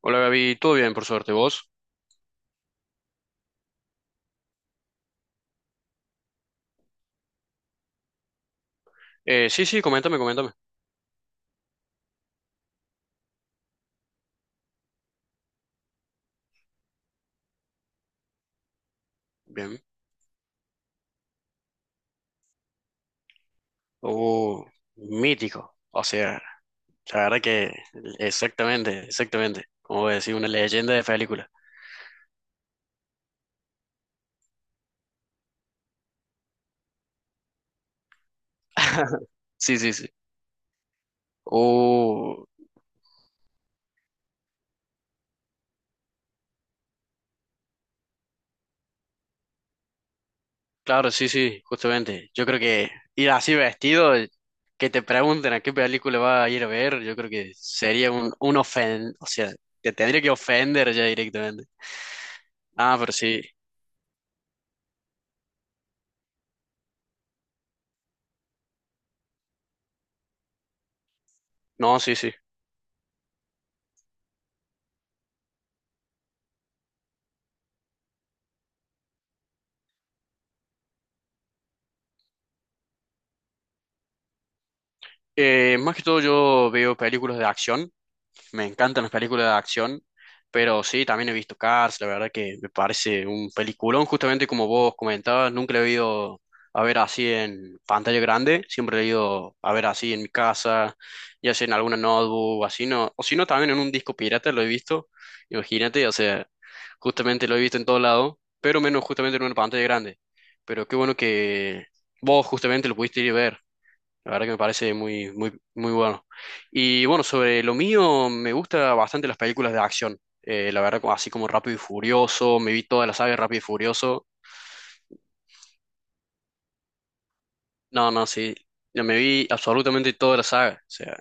Hola Gaby, todo bien, por suerte, ¿vos? Sí, sí, coméntame, coméntame. Bien. Uh, Mítico. O sea, la verdad que exactamente, exactamente. Como voy a decir, una leyenda de película. Sí, sí, sí. Uh, claro, sí, sí, justamente. Yo creo que ir así vestido, que te pregunten a qué película vas a ir a ver, yo creo que sería o sea, te tendría que ofender ya directamente. Ah, pero sí. No, sí, sí. Más que todo yo veo películas de acción, me encantan las películas de acción, pero sí, también he visto Cars, la verdad que me parece un peliculón, justamente como vos comentabas, nunca lo he ido a ver así en pantalla grande, siempre lo he ido a ver así en mi casa, ya sea en alguna notebook, o así no, o si no también en un disco pirata lo he visto, imagínate, o sea, justamente lo he visto en todo lado, pero menos justamente en una pantalla grande, pero qué bueno que vos justamente lo pudiste ir a ver. La verdad que me parece muy, muy, muy bueno. Y bueno, sobre lo mío, me gusta bastante las películas de acción. La verdad, así como Rápido y Furioso, me vi toda la saga de Rápido y Furioso. No, no, sí. Yo me vi absolutamente toda la saga. O sea,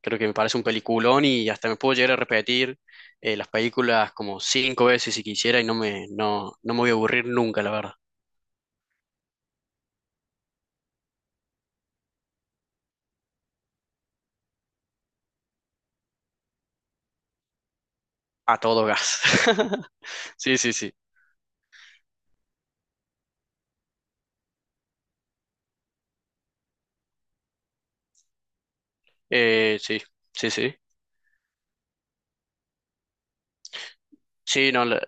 creo que me parece un peliculón y hasta me puedo llegar a repetir las películas como cinco veces si quisiera y no me voy a aburrir nunca, la verdad. A todo gas. Sí, sí, sí. Sí, sí, sí. Sí, no.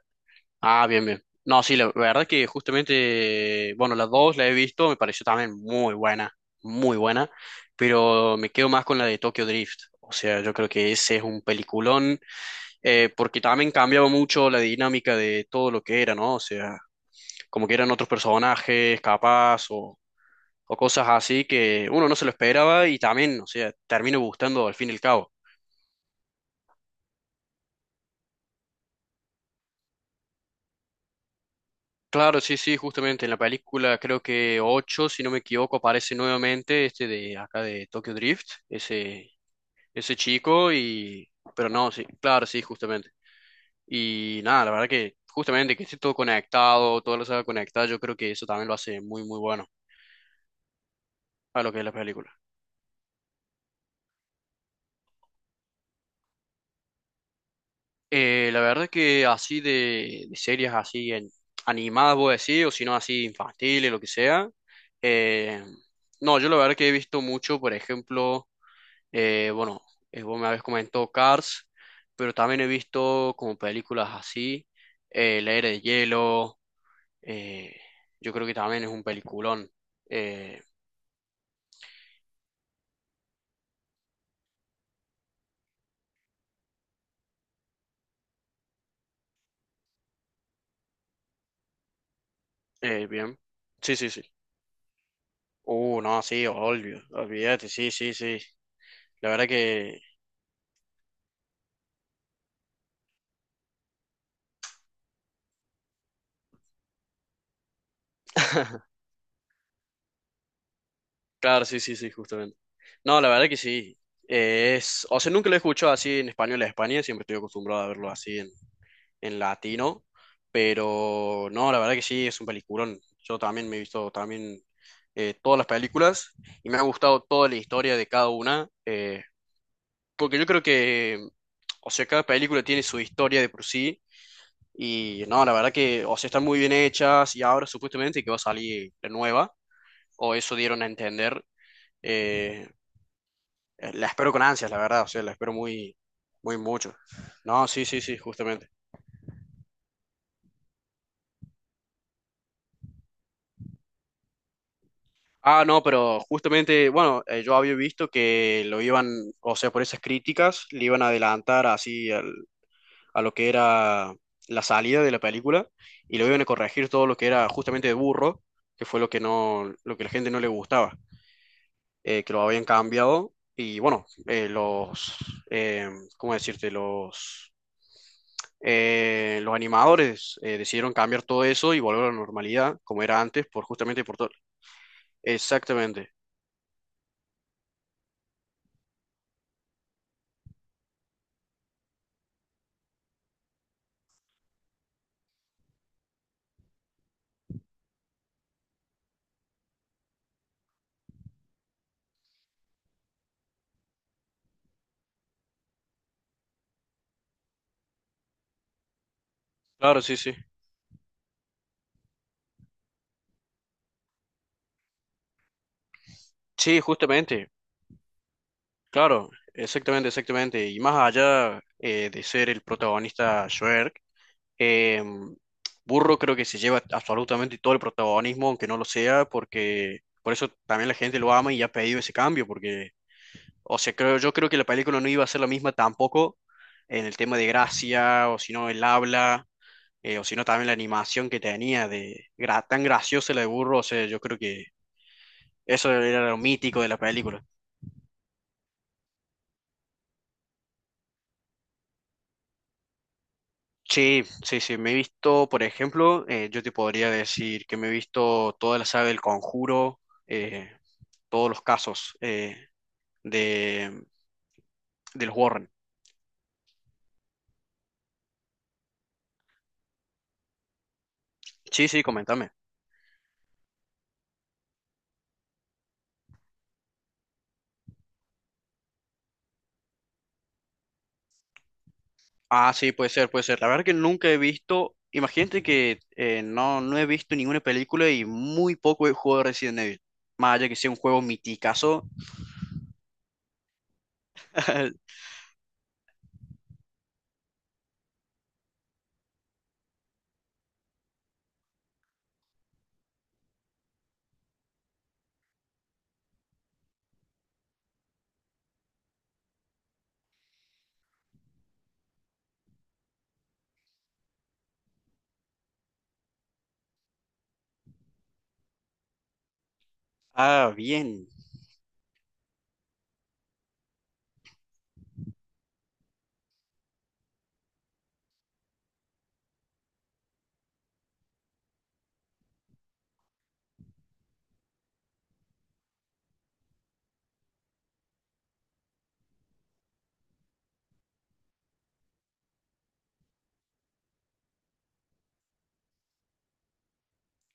Ah, bien, bien. No, sí, la verdad que justamente, bueno, las dos la he visto, me pareció también muy buena, pero me quedo más con la de Tokyo Drift. O sea, yo creo que ese es un peliculón, porque también cambiaba mucho la dinámica de todo lo que era, ¿no? O sea, como que eran otros personajes, capaz, o cosas así que uno no se lo esperaba y también, o sea, termina gustando al fin y al cabo. Claro, sí, sí, justamente en la película creo que 8, si no me equivoco, aparece nuevamente este de acá de Tokyo Drift, ese chico y... Pero no, sí, claro, sí, justamente. Y nada, la verdad que justamente que esté todo conectado, todo lo saga conectada, yo creo que eso también lo hace muy, muy bueno a lo que es la película. La verdad que así de series así animadas, voy a decir, o si no así infantiles, lo que sea. eh, no, yo la verdad que he visto mucho, por ejemplo... Bueno, vos me habéis comentado Cars, pero también he visto como películas así, La Era de Hielo, eh, yo creo que también es un peliculón. Eh, Bien, sí, sí, sí. No, sí, obvio, olvídate, sí, sí, sí. La verdad que, claro, sí, sí, sí, justamente. No, la verdad que sí. O sea, nunca lo he escuchado así en español a España, siempre estoy acostumbrado a verlo así en latino, pero no, la verdad que sí, es un peliculón. Yo también me he visto también todas las películas y me ha gustado toda la historia de cada una, porque yo creo que, o sea, cada película tiene su historia de por sí y no, la verdad que, o sea, están muy bien hechas y ahora supuestamente que va a salir la nueva, o eso dieron a entender. eh, la espero con ansias, la verdad, o sea, la espero muy, muy mucho. No, sí, sí, sí, justamente. Ah, no, pero justamente, bueno, yo había visto que lo iban, o sea, por esas críticas, le iban a adelantar así a lo que era la salida de la película y lo iban a corregir todo lo que era justamente de burro, que fue lo que la gente no le gustaba, que lo habían cambiado y bueno, eh, ¿cómo decirte? Los animadores decidieron cambiar todo eso y volver a la normalidad como era antes, por justamente por todo. Exactamente. Claro, sí, sí. Sí, justamente, claro, exactamente, exactamente. Y más allá de ser el protagonista Shrek, eh, Burro creo que se lleva absolutamente todo el protagonismo, aunque no lo sea, porque por eso también la gente lo ama y ha pedido ese cambio, porque, o sea, yo creo que la película no iba a ser la misma tampoco en el tema de gracia, o si no, el habla, o si no, también la animación que tenía de tan graciosa la de Burro, o sea, yo creo que eso era lo mítico de la película. Sí, sí, sí, me he visto, por ejemplo, yo te podría decir que me he visto toda la saga del Conjuro, eh, todos los casos de, de los Warren. Sí, sí, coméntame. Ah, sí, puede ser, puede ser. La verdad que nunca he visto, imagínate que no he visto ninguna película y muy poco he jugado Resident Evil, más allá que sea un juego miticazo. Ah, bien.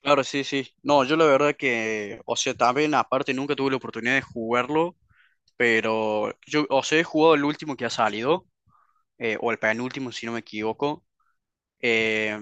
Claro, sí, sí. No, yo la verdad que, o sea, también aparte nunca tuve la oportunidad de jugarlo. Pero yo, o sea, he jugado el último que ha salido, o el penúltimo, si no me equivoco. Eh,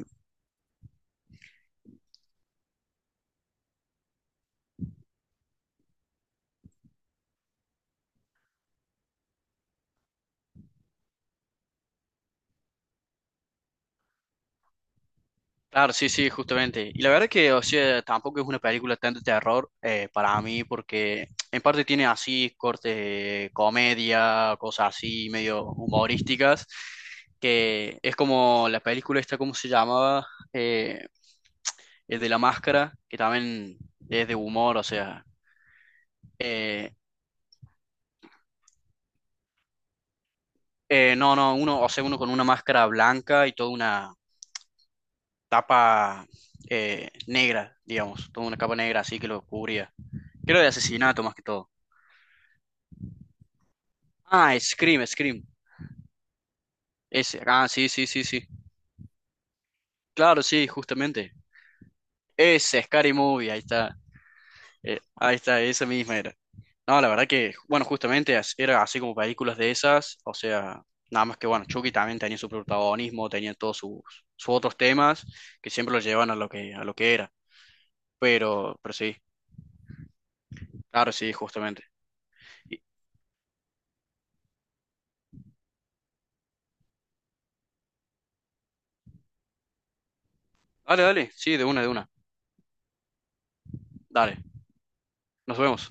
claro, sí, sí, justamente. Y la verdad que, o sea, tampoco es una película tanto de terror para mí, porque en parte tiene así cortes de comedia, cosas así, medio humorísticas, que es como la película esta, ¿cómo se llamaba? Eh, el de la máscara, que también es de humor, o sea... eh, no, no, uno, o sea, uno con una máscara blanca y toda una tapa negra, digamos, toda una capa negra así que lo cubría. Creo de asesinato más que todo. Ah, Scream, Scream. Ese. Ah, sí, sí, sí, sí. Claro, sí, justamente. Ese, Scary Movie, ahí está. Ahí está, esa misma era. No, la verdad que, bueno, justamente era así como películas de esas. O sea, nada más que, bueno, Chucky también tenía su protagonismo, tenía todos sus otros temas que siempre lo llevan a lo que era. Pero sí, claro, sí, justamente. Y- Dale, dale, sí, de una, de una. Dale, nos vemos.